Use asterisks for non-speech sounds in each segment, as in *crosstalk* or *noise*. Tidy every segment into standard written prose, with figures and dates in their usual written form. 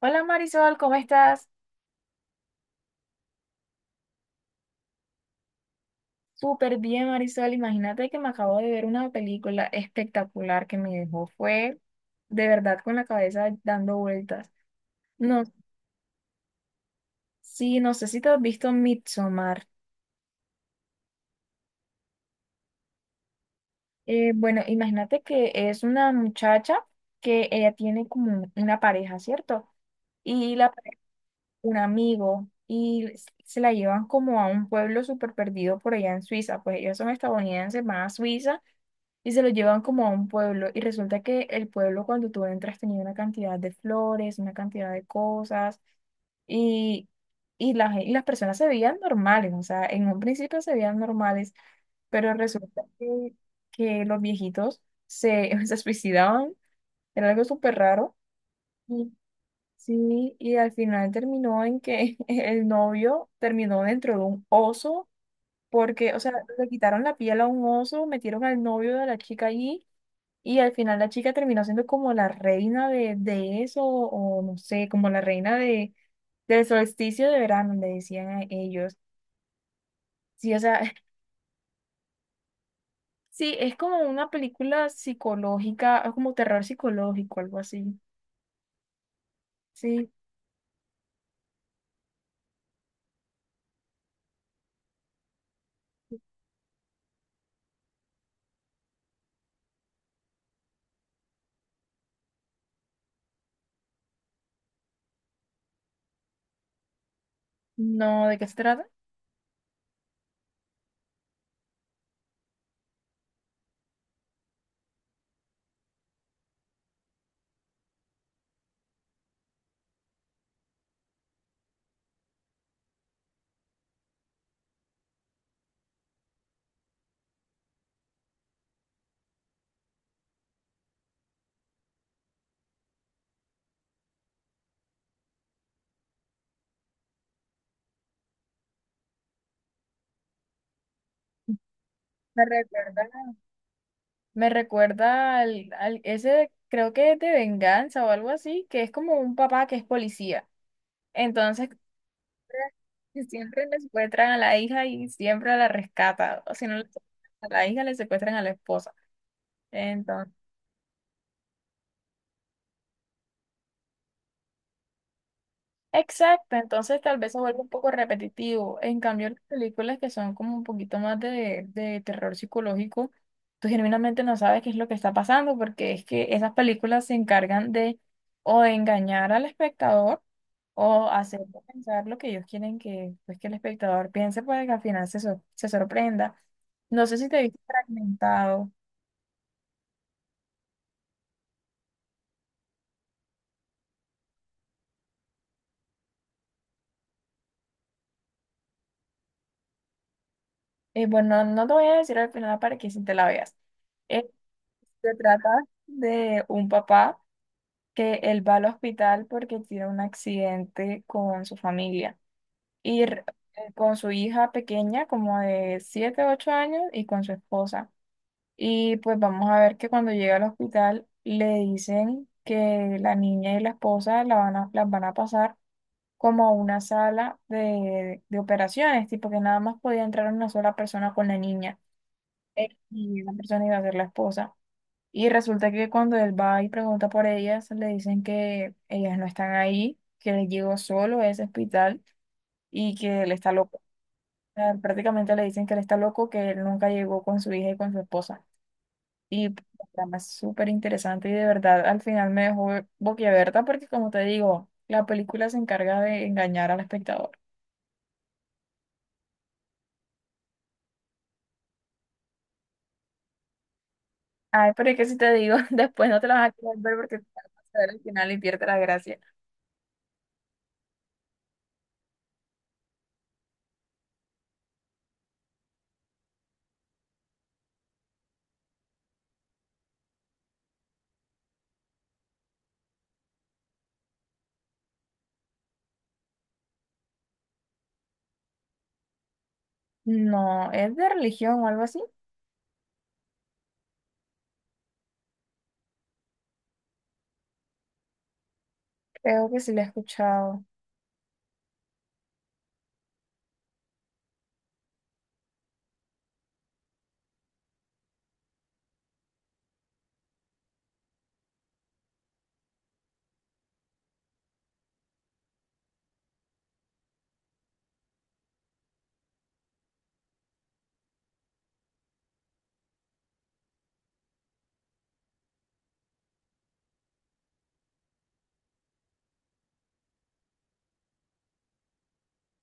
Hola Marisol, ¿cómo estás? Súper bien, Marisol. Imagínate que me acabo de ver una película espectacular que me dejó. Fue de verdad con la cabeza dando vueltas. No, sí, no sé si te has visto Midsommar. Bueno, imagínate que es una muchacha que ella tiene como una pareja, ¿cierto? Y un amigo, y se la llevan como a un pueblo súper perdido por allá en Suiza. Pues ellos son estadounidenses, van a Suiza y se lo llevan como a un pueblo. Y resulta que el pueblo cuando tú entras tenía una cantidad de flores, una cantidad de cosas y, y las personas se veían normales, o sea, en un principio se veían normales, pero resulta que los viejitos *laughs* se suicidaban, era algo súper raro. Y, sí, y al final terminó en que *laughs* el novio terminó dentro de un oso. Porque, o sea, le quitaron la piel a un oso, metieron al novio de la chica allí y al final la chica terminó siendo como la reina de eso, o no sé, como la reina del solsticio de verano, le decían a ellos. Sí, o sea, *laughs* sí, es como una película psicológica, es como terror psicológico, algo así. Sí, no, ¿de qué se trata? Me recuerda, me recuerda ese, creo que es de venganza o algo así, que es como un papá que es policía. Entonces, que siempre le secuestran a la hija y siempre la rescatan. O si no, le secuestran a la hija, le secuestran a la esposa. Entonces, exacto, entonces tal vez se vuelve un poco repetitivo. En cambio, las películas que son como un poquito más de terror psicológico, tú genuinamente no sabes qué es lo que está pasando porque es que esas películas se encargan de o de engañar al espectador o hacer pensar lo que ellos quieren, que, pues, que el espectador piense para que al final se sorprenda. No sé si te viste fragmentado. Bueno, no te voy a decir al final para que si te la veas. Eh, Se trata de un papá que él va al hospital porque tiene un accidente con su familia y con su hija pequeña como de 7 o 8 años y con su esposa. Y pues vamos a ver que cuando llega al hospital le dicen que la niña y la esposa las van a pasar como a una sala de operaciones, tipo que nada más podía entrar una sola persona con la niña, y la persona iba a ser la esposa. Y resulta que cuando él va y pregunta por ellas, le dicen que ellas no están ahí, que él llegó solo a ese hospital y que él está loco. O sea, prácticamente le dicen que él está loco, que él nunca llegó con su hija y con su esposa. Y pues, el programa es súper interesante y de verdad al final me dejó boquiabierta porque, como te digo, la película se encarga de engañar al espectador. Ay, pero es que si te digo, *laughs* después no te la vas a querer ver porque te vas a ver al final y pierde la gracia. No, es de religión o algo así. Creo que sí la he escuchado.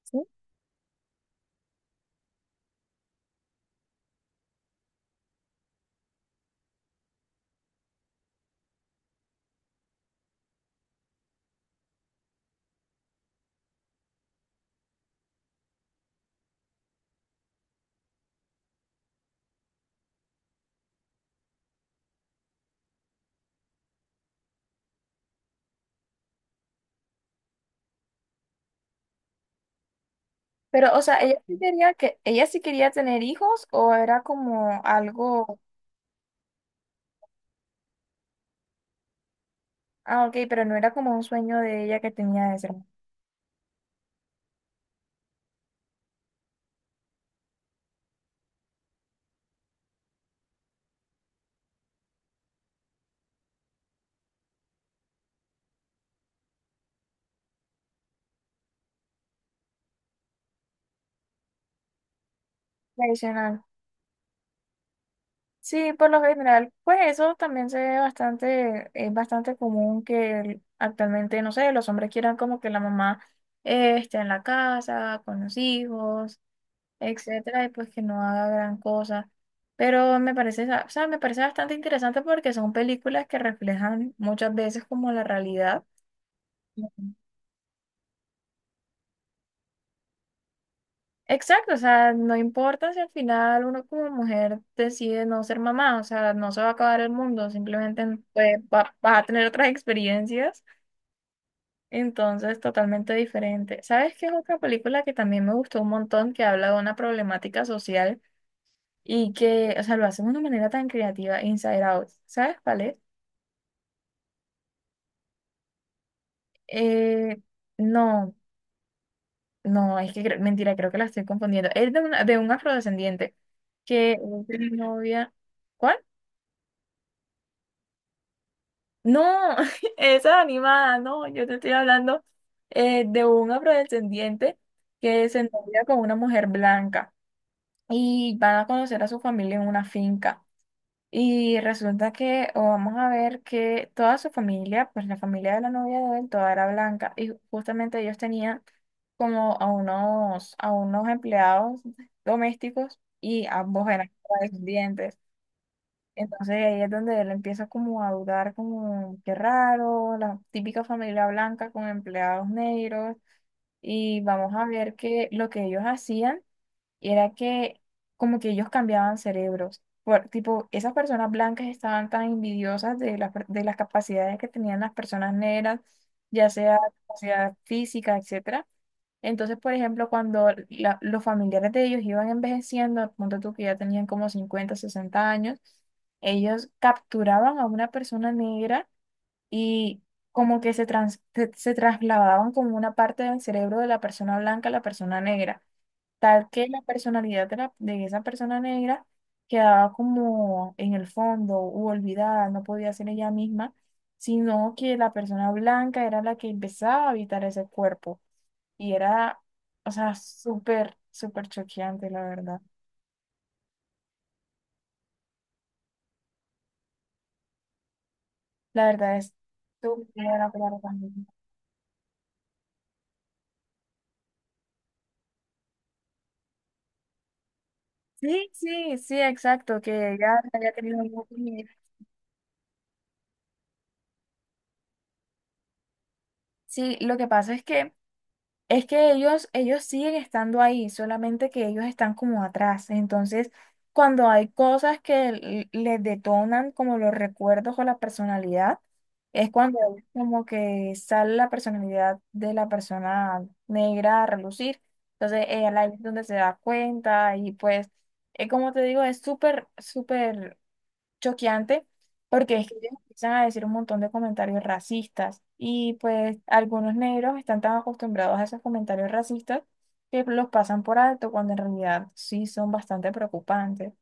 ¿Sí? Pero, o sea, ella sí quería tener hijos o era como algo. Ah, ok, pero no era como un sueño de ella que tenía de ser tradicional. Sí, por lo general, pues eso también se ve bastante, es bastante común que actualmente, no sé, los hombres quieran como que la mamá esté en la casa, con los hijos, etcétera, y pues que no haga gran cosa. Pero me parece, o sea, me parece bastante interesante porque son películas que reflejan muchas veces como la realidad. Exacto, o sea, no importa si al final uno como mujer decide no ser mamá, o sea, no se va a acabar el mundo, simplemente, pues, vas a tener otras experiencias, entonces totalmente diferente. ¿Sabes qué es otra película que también me gustó un montón, que habla de una problemática social y que, o sea, lo hace de una manera tan creativa? Inside Out. ¿Sabes cuál es? Eh, no, no, es que mentira, creo que la estoy confundiendo. Es de un afrodescendiente que es de novia. ¿Cuál? No, *laughs* esa animada, no, yo te estoy hablando, de un afrodescendiente que se novia con una mujer blanca y van a conocer a su familia en una finca. Y resulta que, o vamos a ver, que toda su familia, pues la familia de la novia de él, toda era blanca y justamente ellos tenían como a unos a unos empleados domésticos y ambos eran afrodescendientes. Entonces ahí es donde él empieza como a dudar, como qué raro, la típica familia blanca con empleados negros. Y vamos a ver que lo que ellos hacían era que como que ellos cambiaban cerebros. Por, tipo, esas personas blancas estaban tan envidiosas de de las capacidades que tenían las personas negras, ya sea capacidad física, etcétera. Entonces, por ejemplo, cuando los familiares de ellos iban envejeciendo, punto tú que ya tenían como 50, 60 años, ellos capturaban a una persona negra y como que se trasladaban como una parte del cerebro de la persona blanca a la persona negra, tal que la personalidad de esa persona negra quedaba como en el fondo u olvidada, no podía ser ella misma, sino que la persona blanca era la que empezaba a habitar ese cuerpo. Y era, o sea, súper, súper choqueante, la verdad. La verdad es, tú la palabra también. Sí, sí, sí, exacto, que ella había tenido un. Sí, lo que pasa es que ellos siguen estando ahí, solamente que ellos están como atrás. Entonces, cuando hay cosas que les detonan como los recuerdos o la personalidad, es cuando como que sale la personalidad de la persona negra a relucir. Entonces, ella ahí es donde se da cuenta y pues, como te digo, es súper, súper choqueante porque es que ellos empiezan a decir un montón de comentarios racistas y pues algunos negros están tan acostumbrados a esos comentarios racistas que los pasan por alto cuando en realidad sí son bastante preocupantes.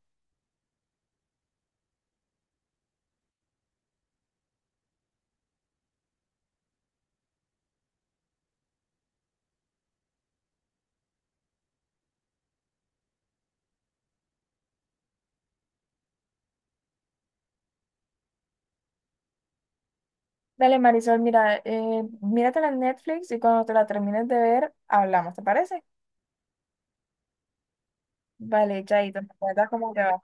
Dale, Marisol, mira, míratela en Netflix y cuando te la termines de ver, hablamos, ¿te parece? Vale, chaito, me cuentas cómo te va.